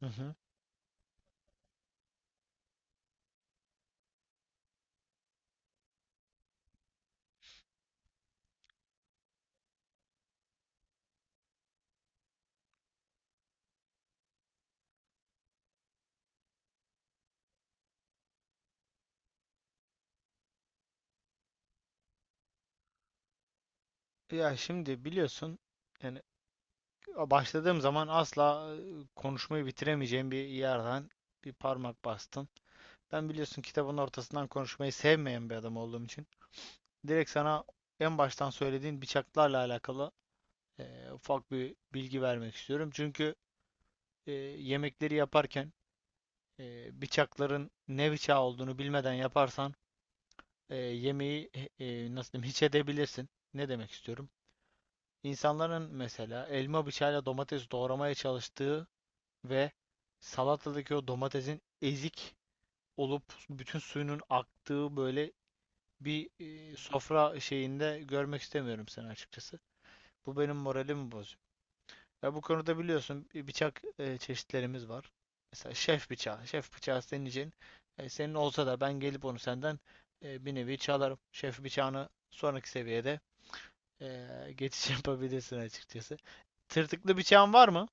Hı hı. Ya şimdi biliyorsun yani başladığım zaman asla konuşmayı bitiremeyeceğim bir yerden bir parmak bastın. Ben biliyorsun kitabın ortasından konuşmayı sevmeyen bir adam olduğum için direkt sana en baştan söylediğin bıçaklarla alakalı ufak bir bilgi vermek istiyorum. Çünkü e, yemekleri yaparken bıçakların ne bıçağı olduğunu bilmeden yaparsan yemeği nasıl diyeyim hiç edebilirsin. Ne demek istiyorum? İnsanların mesela elma bıçağıyla domates doğramaya çalıştığı ve salatadaki o domatesin ezik olup bütün suyunun aktığı böyle bir sofra şeyinde görmek istemiyorum seni açıkçası. Bu benim moralimi bozuyor. Ya bu konuda biliyorsun bir bıçak çeşitlerimiz var. Mesela şef bıçağı. Şef bıçağı senin için senin olsa da ben gelip onu senden bir nevi çalarım. Şef bıçağını sonraki seviyede geçiş yapabilirsin açıkçası. Tırtıklı bıçağın var mı?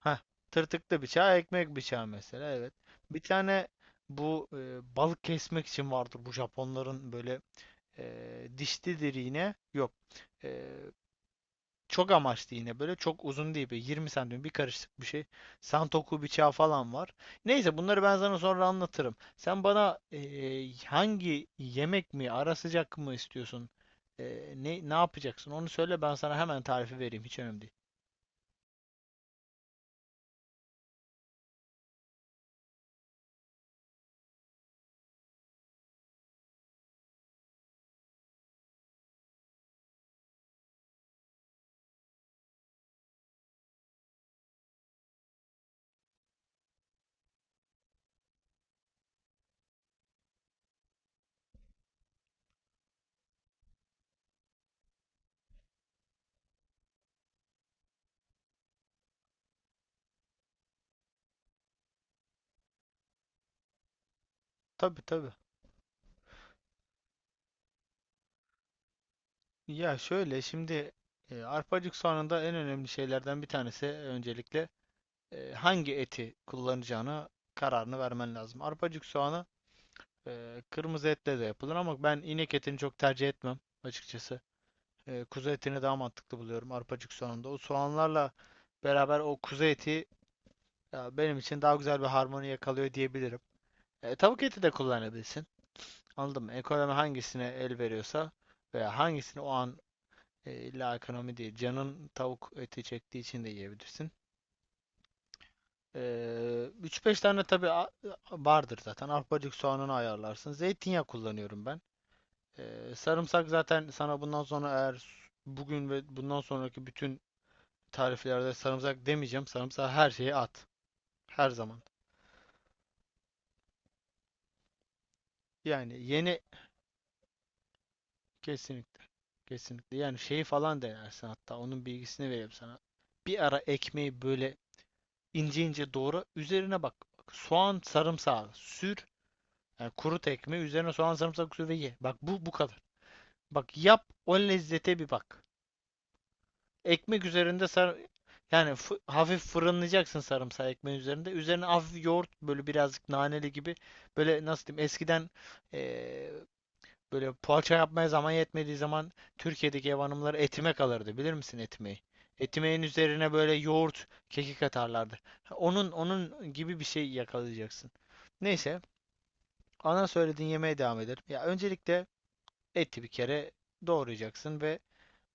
Heh, tırtıklı bıçağı, ekmek bıçağı mesela evet. Bir tane bu balık kesmek için vardır bu Japonların böyle dişlidir yine. Yok. E, Çok amaçlı yine böyle. Çok uzun değil. Böyle 20 santim bir karışık bir şey. Santoku bıçağı falan var. Neyse bunları ben sana sonra anlatırım. Sen bana hangi yemek mi ara sıcak mı istiyorsun? Ne yapacaksın? Onu söyle ben sana hemen tarifi vereyim. Hiç önemli değil. Tabii tabii. Ya şöyle şimdi arpacık soğanında en önemli şeylerden bir tanesi öncelikle hangi eti kullanacağına kararını vermen lazım. Arpacık soğanı kırmızı etle de yapılır ama ben inek etini çok tercih etmem açıkçası. Kuzu etini daha mantıklı buluyorum arpacık soğanında. O soğanlarla beraber o kuzu eti ya, benim için daha güzel bir harmoni yakalıyor diyebilirim. Tavuk eti de kullanabilirsin. Anladın mı? Ekonomi hangisine el veriyorsa veya hangisini o an illa ekonomi değil. Canın tavuk eti çektiği için de yiyebilirsin. 3-5 tane tabii vardır zaten. Arpacık soğanını ayarlarsın. Zeytinyağı kullanıyorum ben. Sarımsak zaten sana bundan sonra eğer bugün ve bundan sonraki bütün tariflerde sarımsak demeyeceğim. Sarımsağı her şeye at. Her zaman. Yani yeni kesinlikle. Kesinlikle. Yani şeyi falan denersin hatta. Onun bilgisini vereyim sana. Bir ara ekmeği böyle ince ince doğra. Üzerine bak. Soğan, sarımsağı sür. Yani kurut ekmeği üzerine soğan, sarımsak sür ve ye. Bak bu kadar. Bak yap o lezzete bir bak. Ekmek üzerinde sar yani hafif fırınlayacaksın sarımsağı ekmeğin üzerinde. Üzerine hafif yoğurt böyle birazcık naneli gibi böyle nasıl diyeyim eskiden eee, böyle poğaça yapmaya zaman yetmediği zaman Türkiye'deki ev hanımları etime kalırdı. Bilir misin etimeyi? Etimeğin üzerine böyle yoğurt, kekik atarlardı. Ha, onun gibi bir şey yakalayacaksın. Neyse, ana söylediğin yemeğe devam edelim. Ya öncelikle eti bir kere doğrayacaksın ve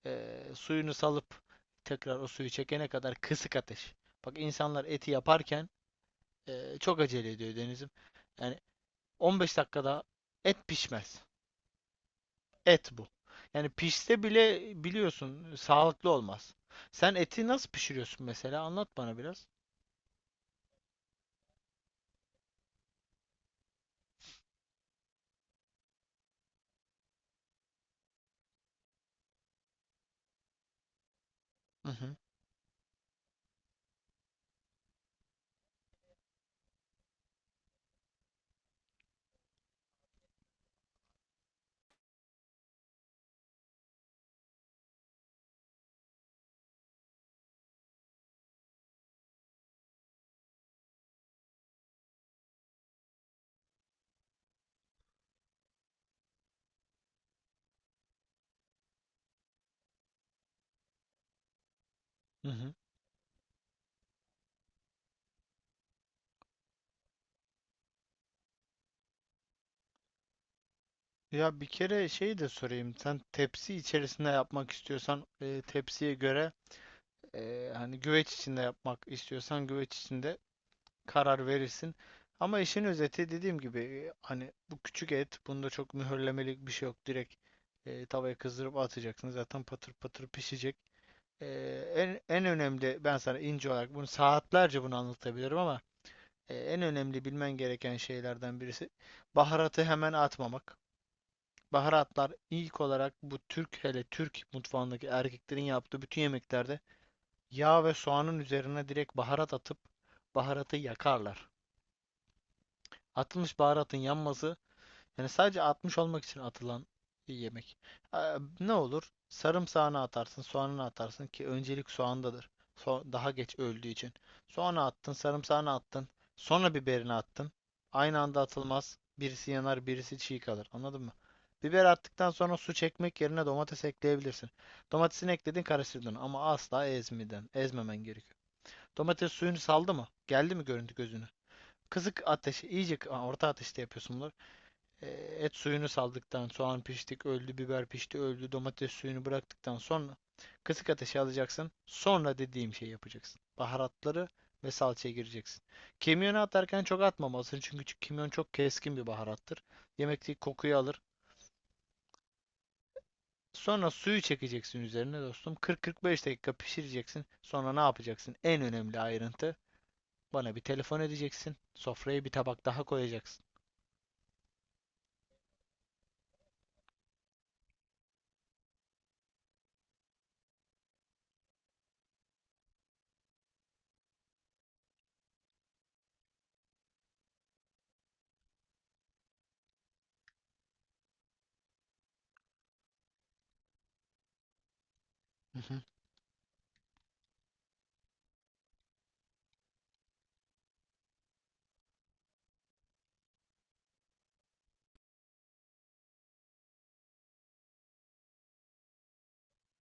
suyunu salıp tekrar o suyu çekene kadar kısık ateş. Bak insanlar eti yaparken çok acele ediyor Deniz'im. Yani 15 dakikada et pişmez. Et bu. Yani pişse bile biliyorsun sağlıklı olmaz. Sen eti nasıl pişiriyorsun mesela? Anlat bana biraz. Hı hı. Hı hı. Ya bir kere şey de sorayım. Sen tepsi içerisinde yapmak istiyorsan tepsiye göre hani güveç içinde yapmak istiyorsan güveç içinde karar verirsin. Ama işin özeti dediğim gibi hani bu küçük et bunda çok mühürlemelik bir şey yok. Direkt tavaya kızdırıp atacaksın. Zaten patır patır pişecek. E, en önemli ben sana ince olarak bunu saatlerce bunu anlatabilirim ama en önemli bilmen gereken şeylerden birisi baharatı hemen atmamak. Baharatlar ilk olarak bu Türk hele Türk mutfağındaki erkeklerin yaptığı bütün yemeklerde yağ ve soğanın üzerine direkt baharat atıp baharatı yakarlar. Atılmış baharatın yanması yani sadece atmış olmak için atılan bir yemek. Ee, ne olur? Sarımsağını atarsın, soğanını atarsın ki öncelik soğandadır. Daha geç öldüğü için. Soğanı attın, sarımsağını attın, sonra biberini attın. Aynı anda atılmaz. Birisi yanar, birisi çiğ kalır. Anladın mı? Biber attıktan sonra su çekmek yerine domates ekleyebilirsin. Domatesini ekledin, karıştırdın ama asla ezmeden, ezmemen gerekiyor. Domates suyunu saldı mı? Geldi mi görüntü gözüne? Kısık ateş, iyice orta ateşte yapıyorsun bunları. Ee, et suyunu saldıktan, soğan piştik, öldü, biber pişti, öldü, domates suyunu bıraktıktan sonra kısık ateşe alacaksın. Sonra dediğim şeyi yapacaksın. Baharatları ve salçaya gireceksin. Kimyonu atarken çok atmamalısın çünkü kimyon çok keskin bir baharattır. Yemekteki kokuyu alır. Sonra suyu çekeceksin üzerine dostum. 40-45 dakika pişireceksin. Sonra ne yapacaksın? En önemli ayrıntı. Bana bir telefon edeceksin. Sofraya bir tabak daha koyacaksın. Hı hı.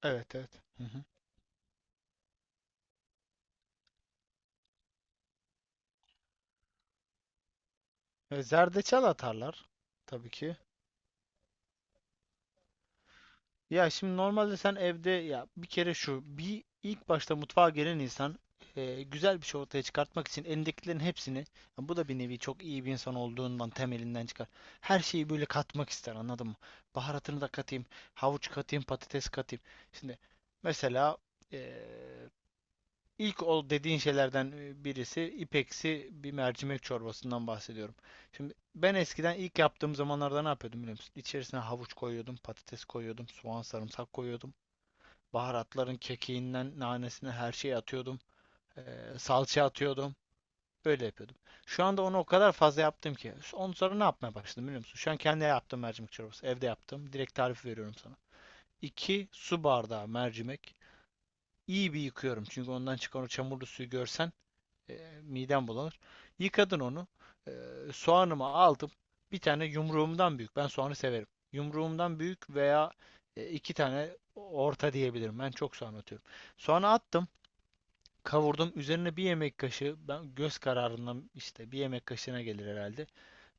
Evet evet. Hı hı. Zerdeçal atarlar tabii ki. Ya şimdi normalde sen evde ya bir kere şu bir ilk başta mutfağa gelen insan güzel bir şey ortaya çıkartmak için elindekilerin hepsini ya bu da bir nevi çok iyi bir insan olduğundan temelinden çıkar. Her şeyi böyle katmak ister anladın mı? Baharatını da katayım, havuç katayım, patates katayım. Şimdi mesela e, İlk ol dediğin şeylerden birisi ipeksi bir mercimek çorbasından bahsediyorum. Şimdi ben eskiden ilk yaptığım zamanlarda ne yapıyordum biliyor musun? İçerisine havuç koyuyordum, patates koyuyordum, soğan, sarımsak koyuyordum. Baharatların kekiğinden nanesine her şeyi atıyordum. Salça atıyordum. Böyle yapıyordum. Şu anda onu o kadar fazla yaptım ki. Ondan sonra ne yapmaya başladım biliyor musun? Şu an kendi yaptığım mercimek çorbası. Evde yaptım. Direkt tarifi veriyorum sana. 2 su bardağı mercimek. İyi bir yıkıyorum. Çünkü ondan çıkan o çamurlu suyu görsen midem bulanır. Yıkadın onu. E, soğanımı aldım. Bir tane yumruğumdan büyük. Ben soğanı severim. Yumruğumdan büyük veya iki tane orta diyebilirim. Ben çok soğan atıyorum. Soğanı attım. Kavurdum. Üzerine bir yemek kaşığı, ben göz kararından işte bir yemek kaşığına gelir herhalde.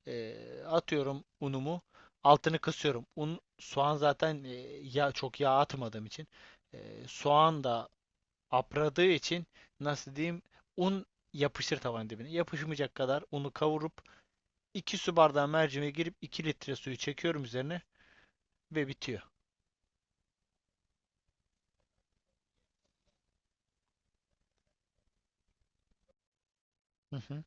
E, atıyorum unumu. Altını kısıyorum. Un, soğan zaten yağ, çok yağ atmadığım için. E, soğan da apradığı için nasıl diyeyim un yapışır tavanın dibine. Yapışmayacak kadar unu kavurup 2 su bardağı mercimeğe girip 2 litre suyu çekiyorum üzerine ve bitiyor. Hı hı.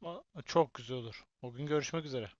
Çok güzel olur. O gün görüşmek üzere.